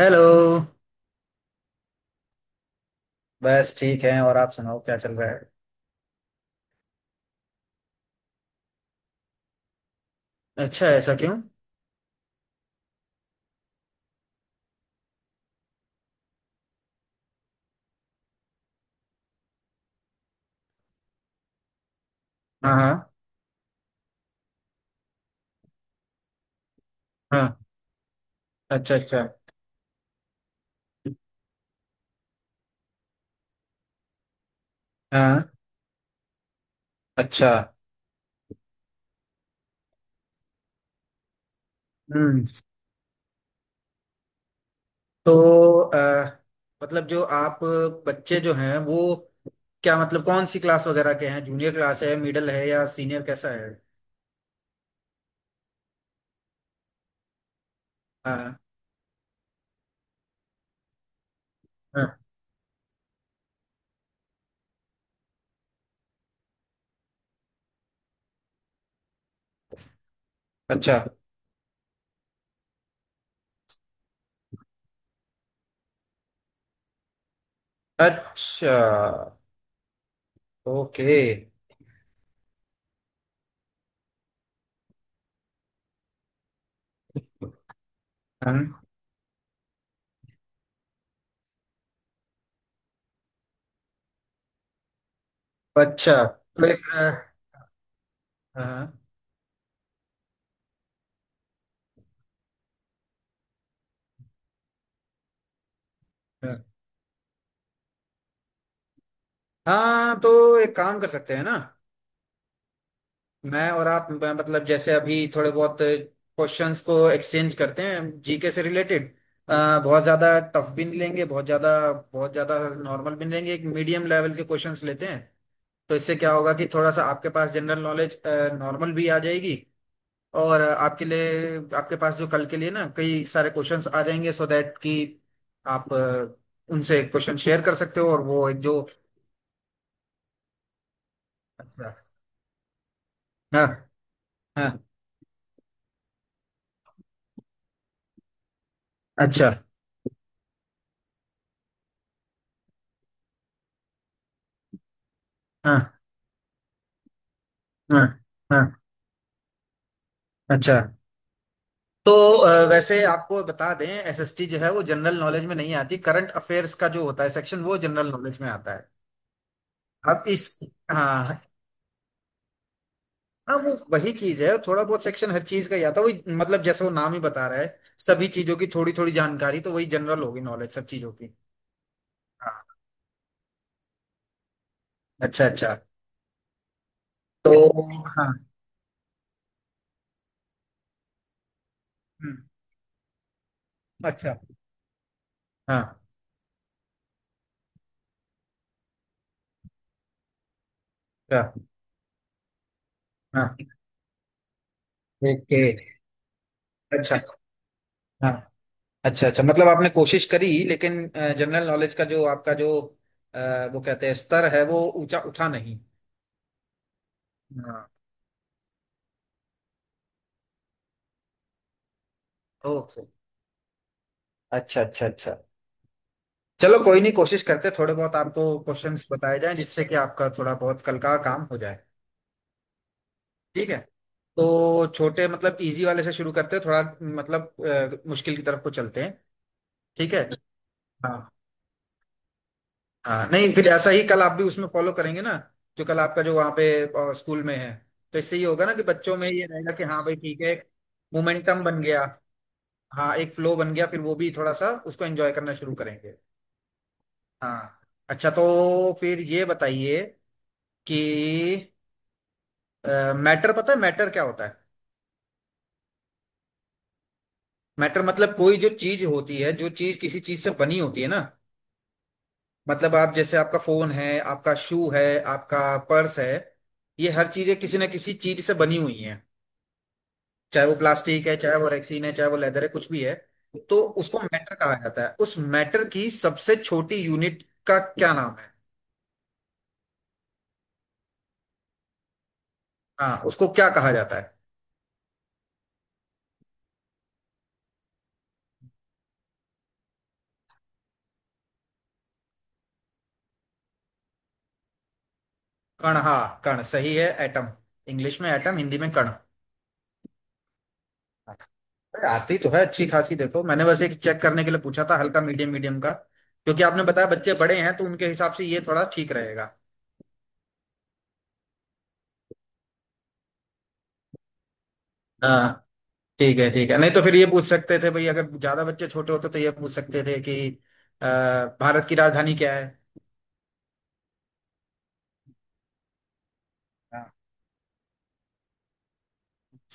Hello. बस ठीक है। और आप सुनाओ, क्या चल रहा है? अच्छा, ऐसा क्यों? हाँ हाँ। हाँ, अच्छा अच्छा। हाँ, अच्छा। हम्म। तो अ, मतलब जो आप बच्चे जो हैं वो, क्या मतलब कौन सी क्लास वगैरह के हैं? जूनियर क्लास है, मिडिल है, या सीनियर, कैसा है? हाँ हाँ, अच्छा अच्छा। ओके। हाँ, अच्छा तो एक हाँ हाँ हाँ, तो एक काम कर सकते हैं ना। मैं और आप मतलब जैसे अभी थोड़े बहुत क्वेश्चंस को एक्सचेंज करते हैं जीके से रिलेटेड। बहुत ज्यादा टफ भी नहीं लेंगे, बहुत ज्यादा नॉर्मल भी नहीं लेंगे, एक मीडियम लेवल के क्वेश्चंस लेते हैं। तो इससे क्या होगा कि थोड़ा सा आपके पास जनरल नॉलेज नॉर्मल भी आ जाएगी। और आपके लिए आपके पास जो कल के लिए ना, कई सारे क्वेश्चंस आ जाएंगे, सो दैट कि आप उनसे क्वेश्चन शेयर कर सकते हो और वो एक जो। अच्छा। हाँ हाँ। अच्छा। हाँ हाँ हाँ। अच्छा तो वैसे आपको बता दें, एसएसटी जो है वो जनरल नॉलेज में नहीं आती। करंट अफेयर्स का जो होता है सेक्शन, वो जनरल नॉलेज में आता है। अब इस हाँ हाँ, वो वही चीज है, थोड़ा बहुत सेक्शन हर चीज का ही आता है। वही मतलब जैसे वो नाम ही बता रहा है, सभी चीजों की थोड़ी थोड़ी जानकारी, तो वही जनरल होगी नॉलेज, सब चीजों की। हाँ, अच्छा अच्छा। तो हाँ। हम्म, अच्छा। हाँ, अच्छा। हाँ, ओके। अच्छा। हाँ। अच्छा अच्छा, मतलब आपने कोशिश करी, लेकिन जनरल नॉलेज का जो आपका जो अ, वो कहते हैं स्तर है, वो ऊंचा उठा नहीं। हाँ, ओके। अच्छा अच्छा अच्छा। चलो, कोई नहीं, कोशिश करते, थोड़े बहुत आपको क्वेश्चंस बताए जाएं जिससे कि आपका थोड़ा बहुत कल का काम हो जाए। ठीक है। तो छोटे मतलब इजी वाले से शुरू करते हैं, थोड़ा मतलब मुश्किल की तरफ को चलते हैं। ठीक है। हाँ हाँ, नहीं फिर ऐसा ही कल आप भी उसमें फॉलो करेंगे ना, जो कल आपका जो वहाँ पे स्कूल में है। तो इससे ये होगा ना कि बच्चों में ये रहेगा कि हाँ भाई ठीक है, एक मोमेंटम बन गया। हाँ, एक फ्लो बन गया, फिर वो भी थोड़ा सा उसको एंजॉय करना शुरू करेंगे। हाँ, अच्छा तो फिर ये बताइए कि मैटर, पता है मैटर क्या होता है? मैटर मतलब कोई जो चीज होती है, जो चीज किसी चीज से बनी होती है ना, मतलब आप जैसे, आपका फोन है, आपका शू है, आपका पर्स है, ये हर चीजें किसी ना किसी चीज से बनी हुई हैं, चाहे वो प्लास्टिक है, चाहे वो रेक्सीन है, चाहे वो लेदर है, कुछ भी है। तो उसको मैटर कहा जाता है। उस मैटर की सबसे छोटी यूनिट का क्या नाम है? हाँ, उसको क्या कहा जाता है? कण, हाँ कण सही है, एटम। इंग्लिश में एटम, हिंदी में कण। अरे, आती तो है अच्छी खासी। देखो, मैंने बस एक चेक करने के लिए पूछा था, हल्का मीडियम, मीडियम का, क्योंकि आपने बताया बच्चे बड़े हैं, तो उनके हिसाब से ये थोड़ा ठीक रहेगा। हाँ, ठीक है ठीक है, नहीं तो फिर ये पूछ सकते थे भाई, अगर ज्यादा बच्चे छोटे होते तो ये पूछ सकते थे कि अ, भारत की राजधानी क्या है?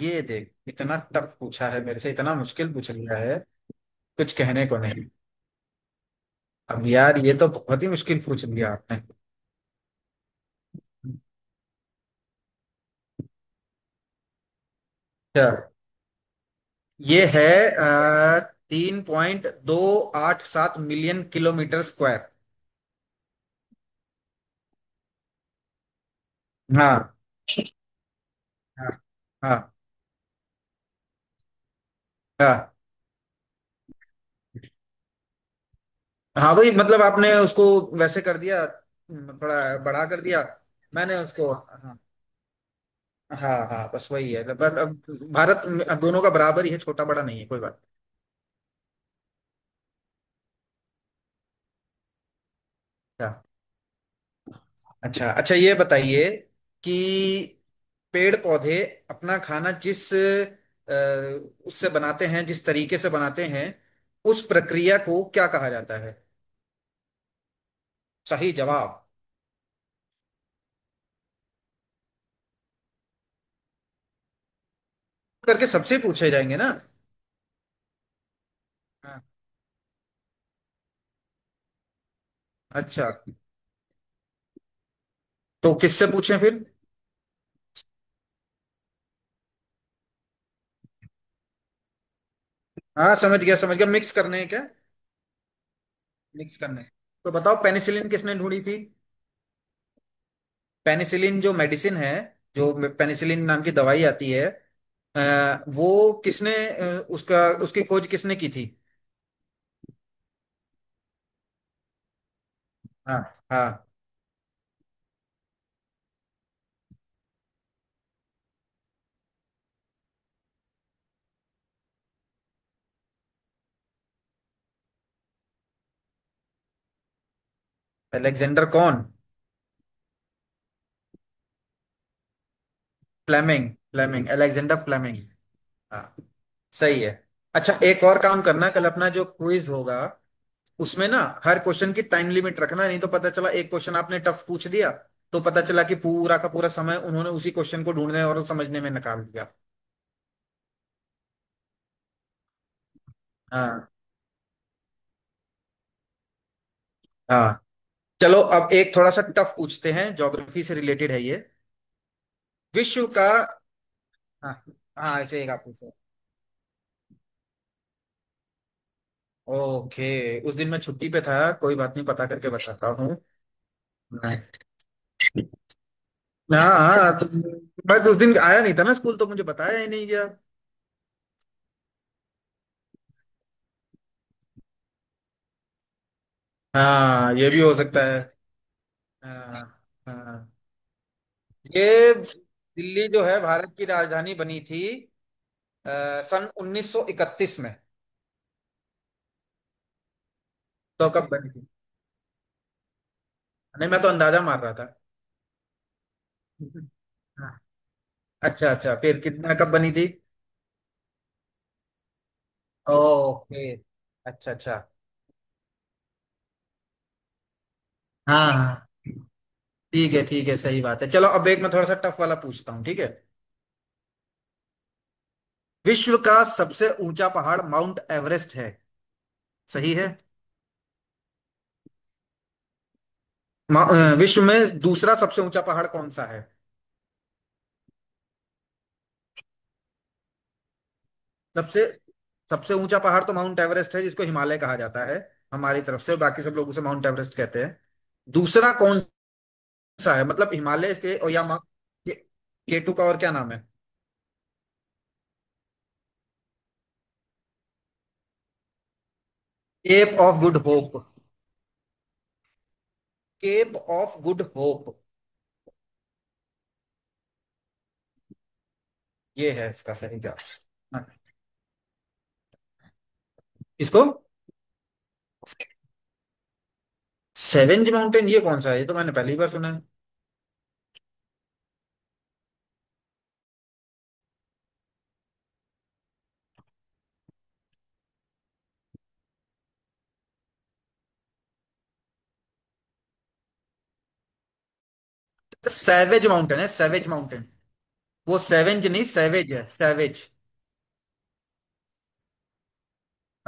ये देख, इतना टफ पूछा है मेरे से, इतना मुश्किल पूछ लिया है, कुछ कहने को नहीं। अब यार, ये तो बहुत ही मुश्किल पूछ लिया आपने। अच्छा, ये है 3.287 मिलियन किलोमीटर स्क्वायर। हाँ हाँ। हाँ हाँ हाँ, वही, मतलब आपने उसको वैसे कर दिया, थोड़ा बड़ा कर दिया। मैंने उसको, हाँ हाँ हाँ, बस वही है। पर अब अब दोनों का बराबर ही है, छोटा बड़ा नहीं है, कोई बात। अच्छा अच्छा, ये बताइए कि पेड़ पौधे अपना खाना जिस उससे बनाते हैं, जिस तरीके से बनाते हैं, उस प्रक्रिया को क्या कहा जाता है? सही जवाब। करके सबसे पूछे जाएंगे ना। हाँ। अच्छा, तो किससे पूछें फिर? हाँ समझ गया, समझ गया, मिक्स करने हैं क्या? मिक्स करने हैं। तो बताओ, पेनिसिलिन किसने ढूंढी थी? पेनिसिलिन जो मेडिसिन है, जो पेनिसिलिन नाम की दवाई आती है, वो किसने उसका, उसकी खोज किसने की थी? हाँ हाँ। अलेक्जेंडर कौन? Fleming, Fleming, Alexander Fleming. हाँ, सही है। अच्छा, एक और काम करना, कल अपना जो क्विज होगा उसमें ना हर क्वेश्चन की टाइम लिमिट रखना, नहीं तो पता चला, एक क्वेश्चन आपने टफ पूछ दिया, तो पता चला कि पूरा का पूरा समय उन्होंने उसी क्वेश्चन को ढूंढने और समझने में निकाल दिया। हाँ हाँ। चलो अब एक थोड़ा सा टफ पूछते हैं, ज्योग्राफी से रिलेटेड है ये। विश्व का। हाँ हाँ, ऐसे एक आप पूछो। ओके। उस दिन मैं छुट्टी पे था, कोई बात नहीं, पता करके बताता हूँ। हाँ हाँ, तो बस उस दिन आया नहीं था ना स्कूल, तो मुझे बताया ही नहीं गया। हाँ, ये भी हो सकता है। हाँ हाँ। ये दिल्ली जो है, भारत की राजधानी बनी थी सन 1931 में। तो कब बनी थी? नहीं, मैं तो अंदाजा मार रहा था। हाँ, अच्छा अच्छा, फिर कितना, कब बनी थी? ओके। अच्छा अच्छा। हाँ हाँ, ठीक है ठीक है, सही बात है। चलो अब एक मैं थोड़ा सा टफ वाला पूछता हूँ, ठीक है। विश्व का सबसे ऊंचा पहाड़ माउंट एवरेस्ट है, सही है। विश्व में दूसरा सबसे ऊंचा पहाड़ कौन सा है? सबसे सबसे ऊंचा पहाड़ तो माउंट एवरेस्ट है, जिसको हिमालय कहा जाता है हमारी तरफ से, बाकी सब लोग उसे माउंट एवरेस्ट कहते हैं। दूसरा कौन सा है, मतलब हिमालय के, और या मा के, केटू का और क्या नाम है? Cape of Good Hope. Cape of Good Hope, ये है इसका सही जवाब। हाँ, इसको सेवेंज माउंटेन, ये कौन सा है, ये तो मैंने पहली बार सुना है। सेवेज माउंटेन है, सेवेज माउंटेन, वो सेवेंज नहीं, सेवेज है सेवेज।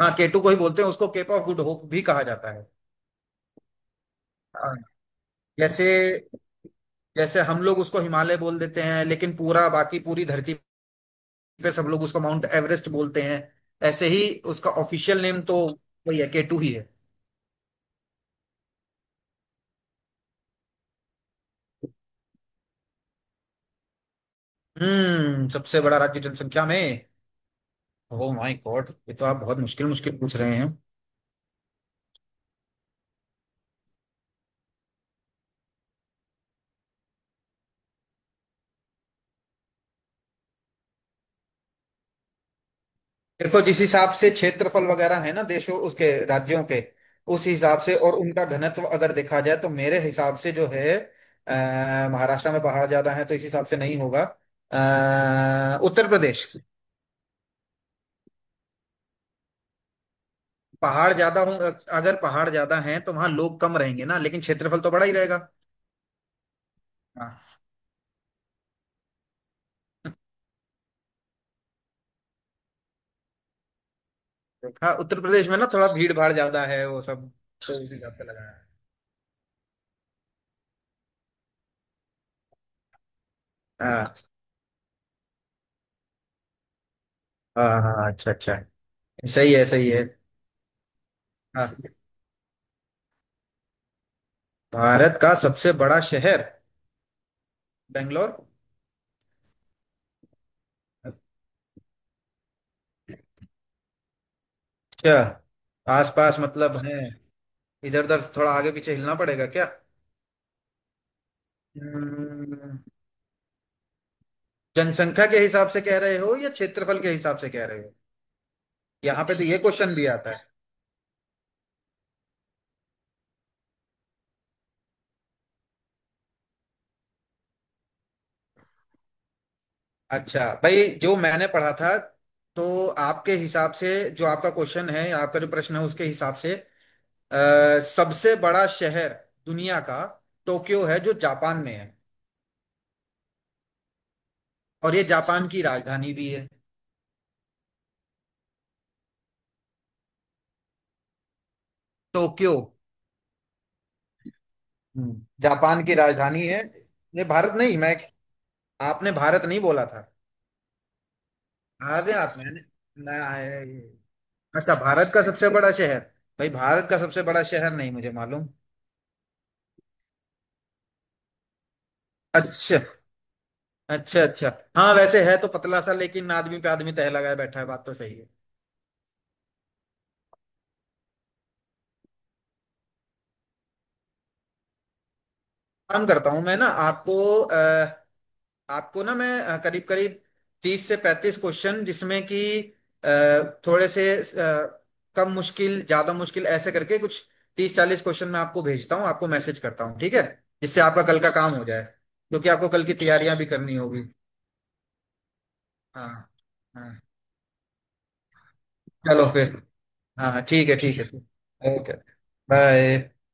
हाँ, केटू को ही बोलते हैं, उसको केप ऑफ गुड होप भी कहा जाता है। हाँ, जैसे, जैसे हम लोग उसको हिमालय बोल देते हैं, लेकिन पूरा, बाकी पूरी धरती पे सब लोग उसको माउंट एवरेस्ट बोलते हैं, ऐसे ही उसका ऑफिशियल नेम तो वही है, केटू ही है। सबसे बड़ा राज्य जनसंख्या में? ओ माय गॉड, ये तो आप बहुत मुश्किल मुश्किल पूछ रहे हैं। देखो, जिस हिसाब से क्षेत्रफल वगैरह है ना देशों, उसके राज्यों के, उस हिसाब से और उनका घनत्व अगर देखा जाए, तो मेरे हिसाब से जो है महाराष्ट्र में पहाड़ ज्यादा है, तो इस हिसाब से नहीं होगा। उत्तर प्रदेश, पहाड़ ज्यादा हो, अगर पहाड़ ज्यादा हैं तो वहां लोग कम रहेंगे ना, लेकिन क्षेत्रफल तो बड़ा ही रहेगा। हाँ, देखा, उत्तर प्रदेश में ना थोड़ा भीड़ भाड़ ज्यादा है वो सब, तो उस हिसाब से लगाया। हाँ हाँ हाँ, अच्छा अच्छा। सही है, सही है। हाँ, भारत का सबसे बड़ा शहर बेंगलोर? क्या, आसपास मतलब है, इधर उधर थोड़ा आगे पीछे हिलना पड़ेगा क्या? हम्म, जनसंख्या के हिसाब से कह रहे हो या क्षेत्रफल के हिसाब से कह रहे हो? यहाँ पे तो ये क्वेश्चन भी आता है। अच्छा भाई, जो मैंने पढ़ा था, तो आपके हिसाब से, जो आपका क्वेश्चन है, आपका जो प्रश्न है, उसके हिसाब से सबसे बड़ा शहर दुनिया का टोक्यो है, जो जापान में है, और ये जापान की राजधानी भी है। टोक्यो। हम्म जापान की राजधानी है। ये भारत नहीं, मैं, आपने भारत नहीं बोला था। अरे आप, मैंने ना- अच्छा, भारत का सबसे बड़ा शहर? भाई, भारत का सबसे बड़ा शहर नहीं मुझे मालूम। अच्छा अच्छा अच्छा। हाँ, वैसे है तो पतला सा, लेकिन आदमी पे आदमी तह लगाए बैठा है, बात तो सही है। काम करता हूँ मैं ना आपको, आपको ना मैं करीब करीब 30 से 35 क्वेश्चन, जिसमें कि अ, थोड़े से कम मुश्किल, ज्यादा मुश्किल, ऐसे करके कुछ 30 40 क्वेश्चन मैं आपको भेजता हूँ, आपको मैसेज करता हूँ, ठीक है? जिससे आपका कल का काम हो जाए, क्योंकि आपको कल की तैयारियां भी करनी होगी। हाँ हाँ। चलो फिर। हाँ, ठीक है ठीक है। Okay bye.